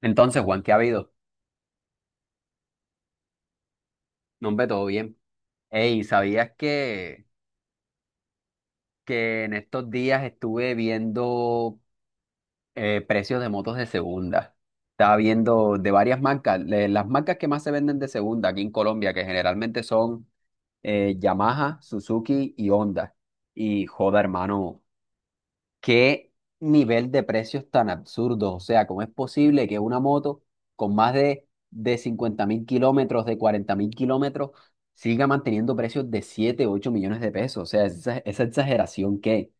Entonces, Juan, ¿qué ha habido? No, hombre, todo bien. Ey, ¿sabías que en estos días estuve viendo precios de motos de segunda? Estaba viendo de varias marcas, las marcas que más se venden de segunda aquí en Colombia, que generalmente son Yamaha, Suzuki y Honda. Y joda, hermano, ¿qué nivel de precios tan absurdos? O sea, ¿cómo es posible que una moto con más de 50 000 kilómetros, de 40 000 kilómetros, siga manteniendo precios de 7, 8 millones de pesos? O sea, esa exageración que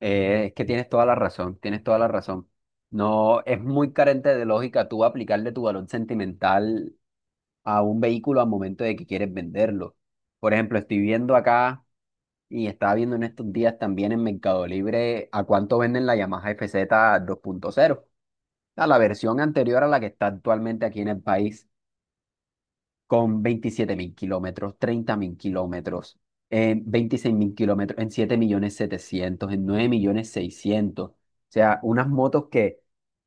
es que tienes toda la razón, tienes toda la razón. No, es muy carente de lógica tú aplicarle tu valor sentimental a un vehículo al momento de que quieres venderlo. Por ejemplo, estoy viendo acá. Y estaba viendo en estos días también en Mercado Libre a cuánto venden la Yamaha FZ 2.0, a la versión anterior a la que está actualmente aquí en el país con 27 000 kilómetros, 30 000 kilómetros, en 26 000 kilómetros, en 7 700 000, en 9 600 000, o sea, unas motos que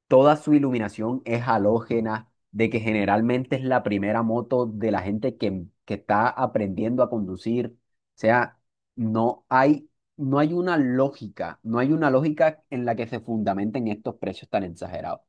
toda su iluminación es halógena, de que generalmente es la primera moto de la gente que está aprendiendo a conducir. O sea, no hay, no hay una lógica, no hay una lógica en la que se fundamenten estos precios tan exagerados.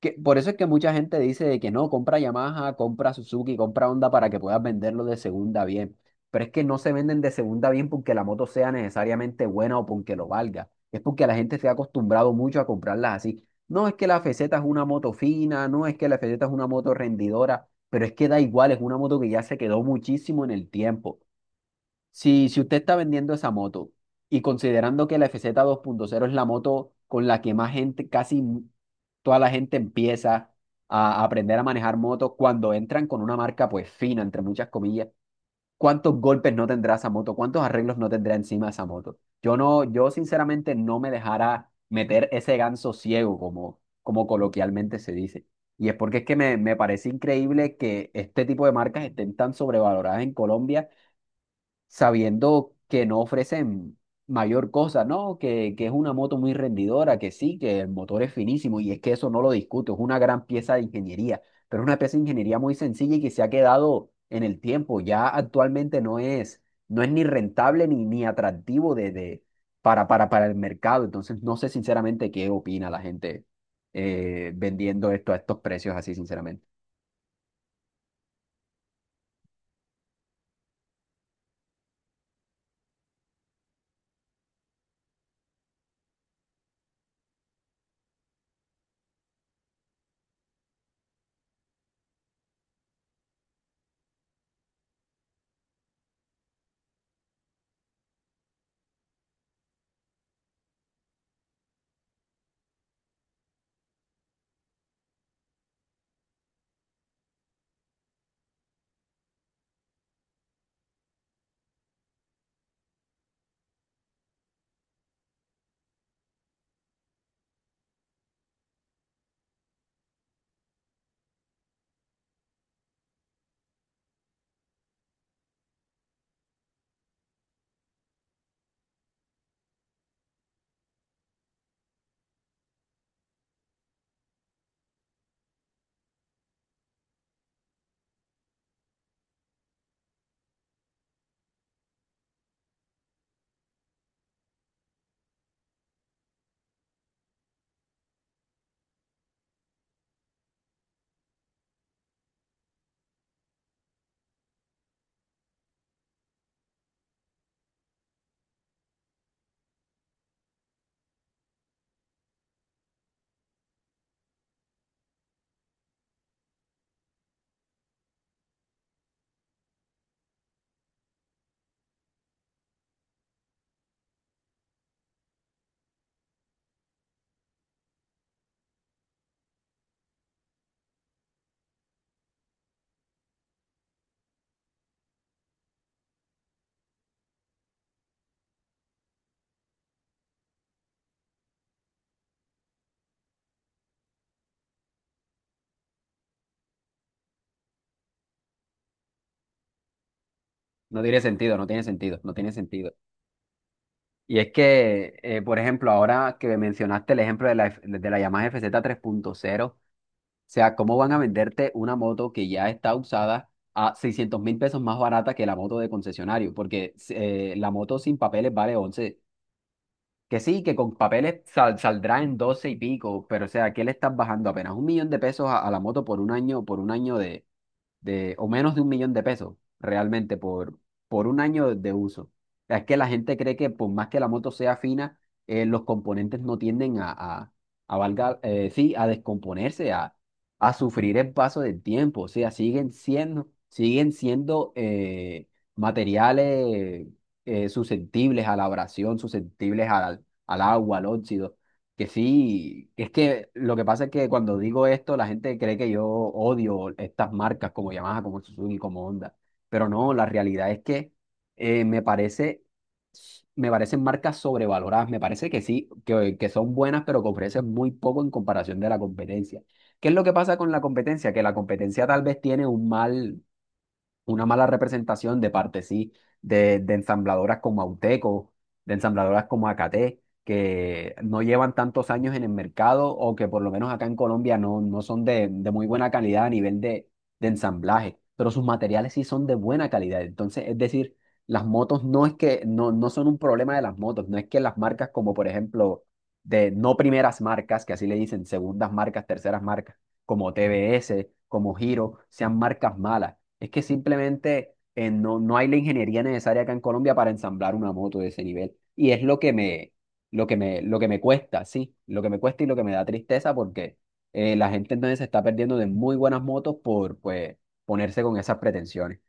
Que, por eso es que mucha gente dice de que no, compra Yamaha, compra Suzuki, compra Honda para que puedas venderlo de segunda bien. Pero es que no se venden de segunda bien porque la moto sea necesariamente buena o porque lo valga. Es porque la gente se ha acostumbrado mucho a comprarlas así. No es que la FZ es una moto fina, no es que la FZ es una moto rendidora, pero es que da igual, es una moto que ya se quedó muchísimo en el tiempo. Si, si usted está vendiendo esa moto y considerando que la FZ cero es la moto con la que más gente, casi toda la gente empieza a aprender a manejar motos cuando entran con una marca pues fina, entre muchas comillas, ¿cuántos golpes no tendrá esa moto? ¿Cuántos arreglos no tendrá encima esa moto? Yo no, yo sinceramente no me dejara meter ese ganso ciego como, como coloquialmente se dice. Y es porque es que me parece increíble que este tipo de marcas estén tan sobrevaloradas en Colombia sabiendo que no ofrecen mayor cosa, ¿no? Que es una moto muy rendidora, que sí, que el motor es finísimo y es que eso no lo discuto, es una gran pieza de ingeniería, pero es una pieza de ingeniería muy sencilla y que se ha quedado en el tiempo, ya actualmente no es, no es ni rentable ni, ni atractivo para el mercado, entonces no sé sinceramente qué opina la gente vendiendo esto a estos precios así, sinceramente. No tiene sentido, no tiene sentido, no tiene sentido. Y es que, por ejemplo, ahora que mencionaste el ejemplo de la, de la Yamaha FZ cero, o sea, ¿cómo van a venderte una moto que ya está usada a 600 000 pesos más barata que la moto de concesionario? Porque la moto sin papeles vale once. Que sí, que con papeles saldrá en 12 y pico, pero o sea, ¿qué le estás bajando? Apenas 1 millón de pesos a la moto por un año de, o menos de 1 millón de pesos realmente por un año de uso. Es que la gente cree que por más que la moto sea fina, los componentes no tienden sí, a descomponerse, a sufrir el paso del tiempo. O sea, siguen siendo materiales susceptibles a la abrasión, susceptibles al, al agua, al óxido. Que sí, que es que lo que pasa es que cuando digo esto, la gente cree que yo odio estas marcas como Yamaha, como Suzuki, como Honda. Pero no, la realidad es que me parece, me parecen marcas sobrevaloradas. Me parece que sí, que son buenas, pero que ofrecen muy poco en comparación de la competencia. ¿Qué es lo que pasa con la competencia? Que la competencia tal vez tiene un mal, una mala representación de parte, sí, de ensambladoras como Auteco, de ensambladoras como Acate, que no llevan tantos años en el mercado o que por lo menos acá en Colombia no, no son de muy buena calidad a nivel de ensamblaje, pero sus materiales sí son de buena calidad. Entonces, es decir, las motos no es que, no, no son un problema de las motos, no es que las marcas como por ejemplo, de no primeras marcas, que así le dicen, segundas marcas, terceras marcas, como TBS, como Giro, sean marcas malas, es que simplemente no, no hay la ingeniería necesaria acá en Colombia para ensamblar una moto de ese nivel. Y es lo que me, lo que me, lo que me cuesta, sí, lo que me cuesta y lo que me da tristeza porque la gente entonces se está perdiendo de muy buenas motos por pues, ponerse con esas pretensiones.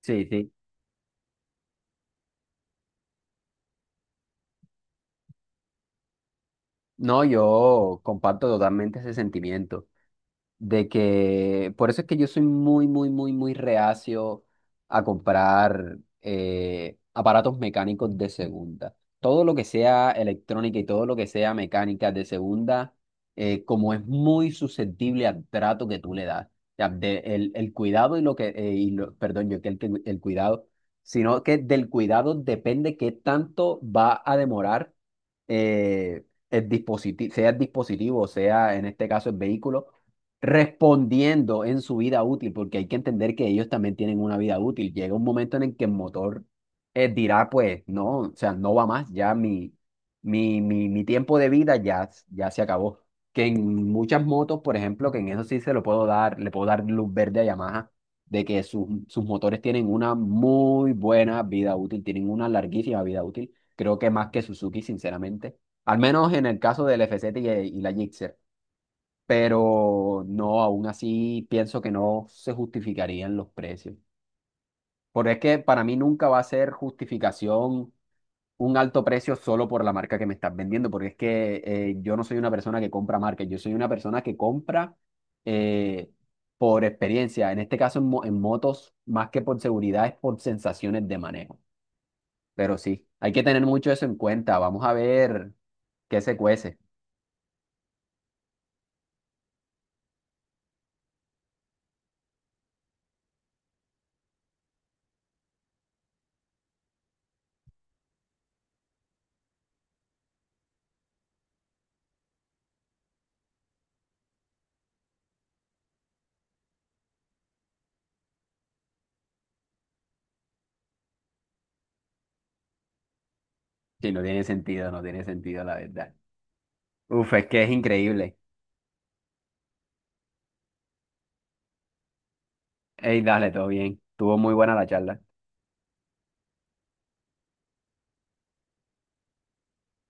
Sí, sí. No, yo comparto totalmente ese sentimiento, de que por eso es que yo soy muy, muy, muy, muy reacio a comprar aparatos mecánicos de segunda. Todo lo que sea electrónica y todo lo que sea mecánica de segunda, como es muy susceptible al trato que tú le das, o sea, el cuidado y lo que, perdón, yo que el cuidado, sino que del cuidado depende qué tanto va a demorar eh, el dispositivo, sea en este caso el vehículo respondiendo en su vida útil, porque hay que entender que ellos también tienen una vida útil. Llega un momento en el que el motor dirá, pues, no, o sea, no va más, mi tiempo de vida ya, ya se acabó. Que en muchas motos, por ejemplo, que en eso sí se lo puedo dar, le puedo dar luz verde a Yamaha, de que sus, sus motores tienen una muy buena vida útil, tienen una larguísima vida útil, creo que más que Suzuki, sinceramente. Al menos en el caso del FZ y la Gixxer, pero no, aún así pienso que no se justificarían los precios. Porque es que para mí nunca va a ser justificación un alto precio solo por la marca que me estás vendiendo, porque es que yo no soy una persona que compra marcas, yo soy una persona que compra eh, por experiencia. En este caso, en, en motos, más que por seguridad, es por sensaciones de manejo. Pero sí, hay que tener mucho eso en cuenta. Vamos a ver qué se cuece. Sí, no tiene sentido, no tiene sentido, la verdad. Uf, es que es increíble. Ey, dale, todo bien. Tuvo muy buena la charla.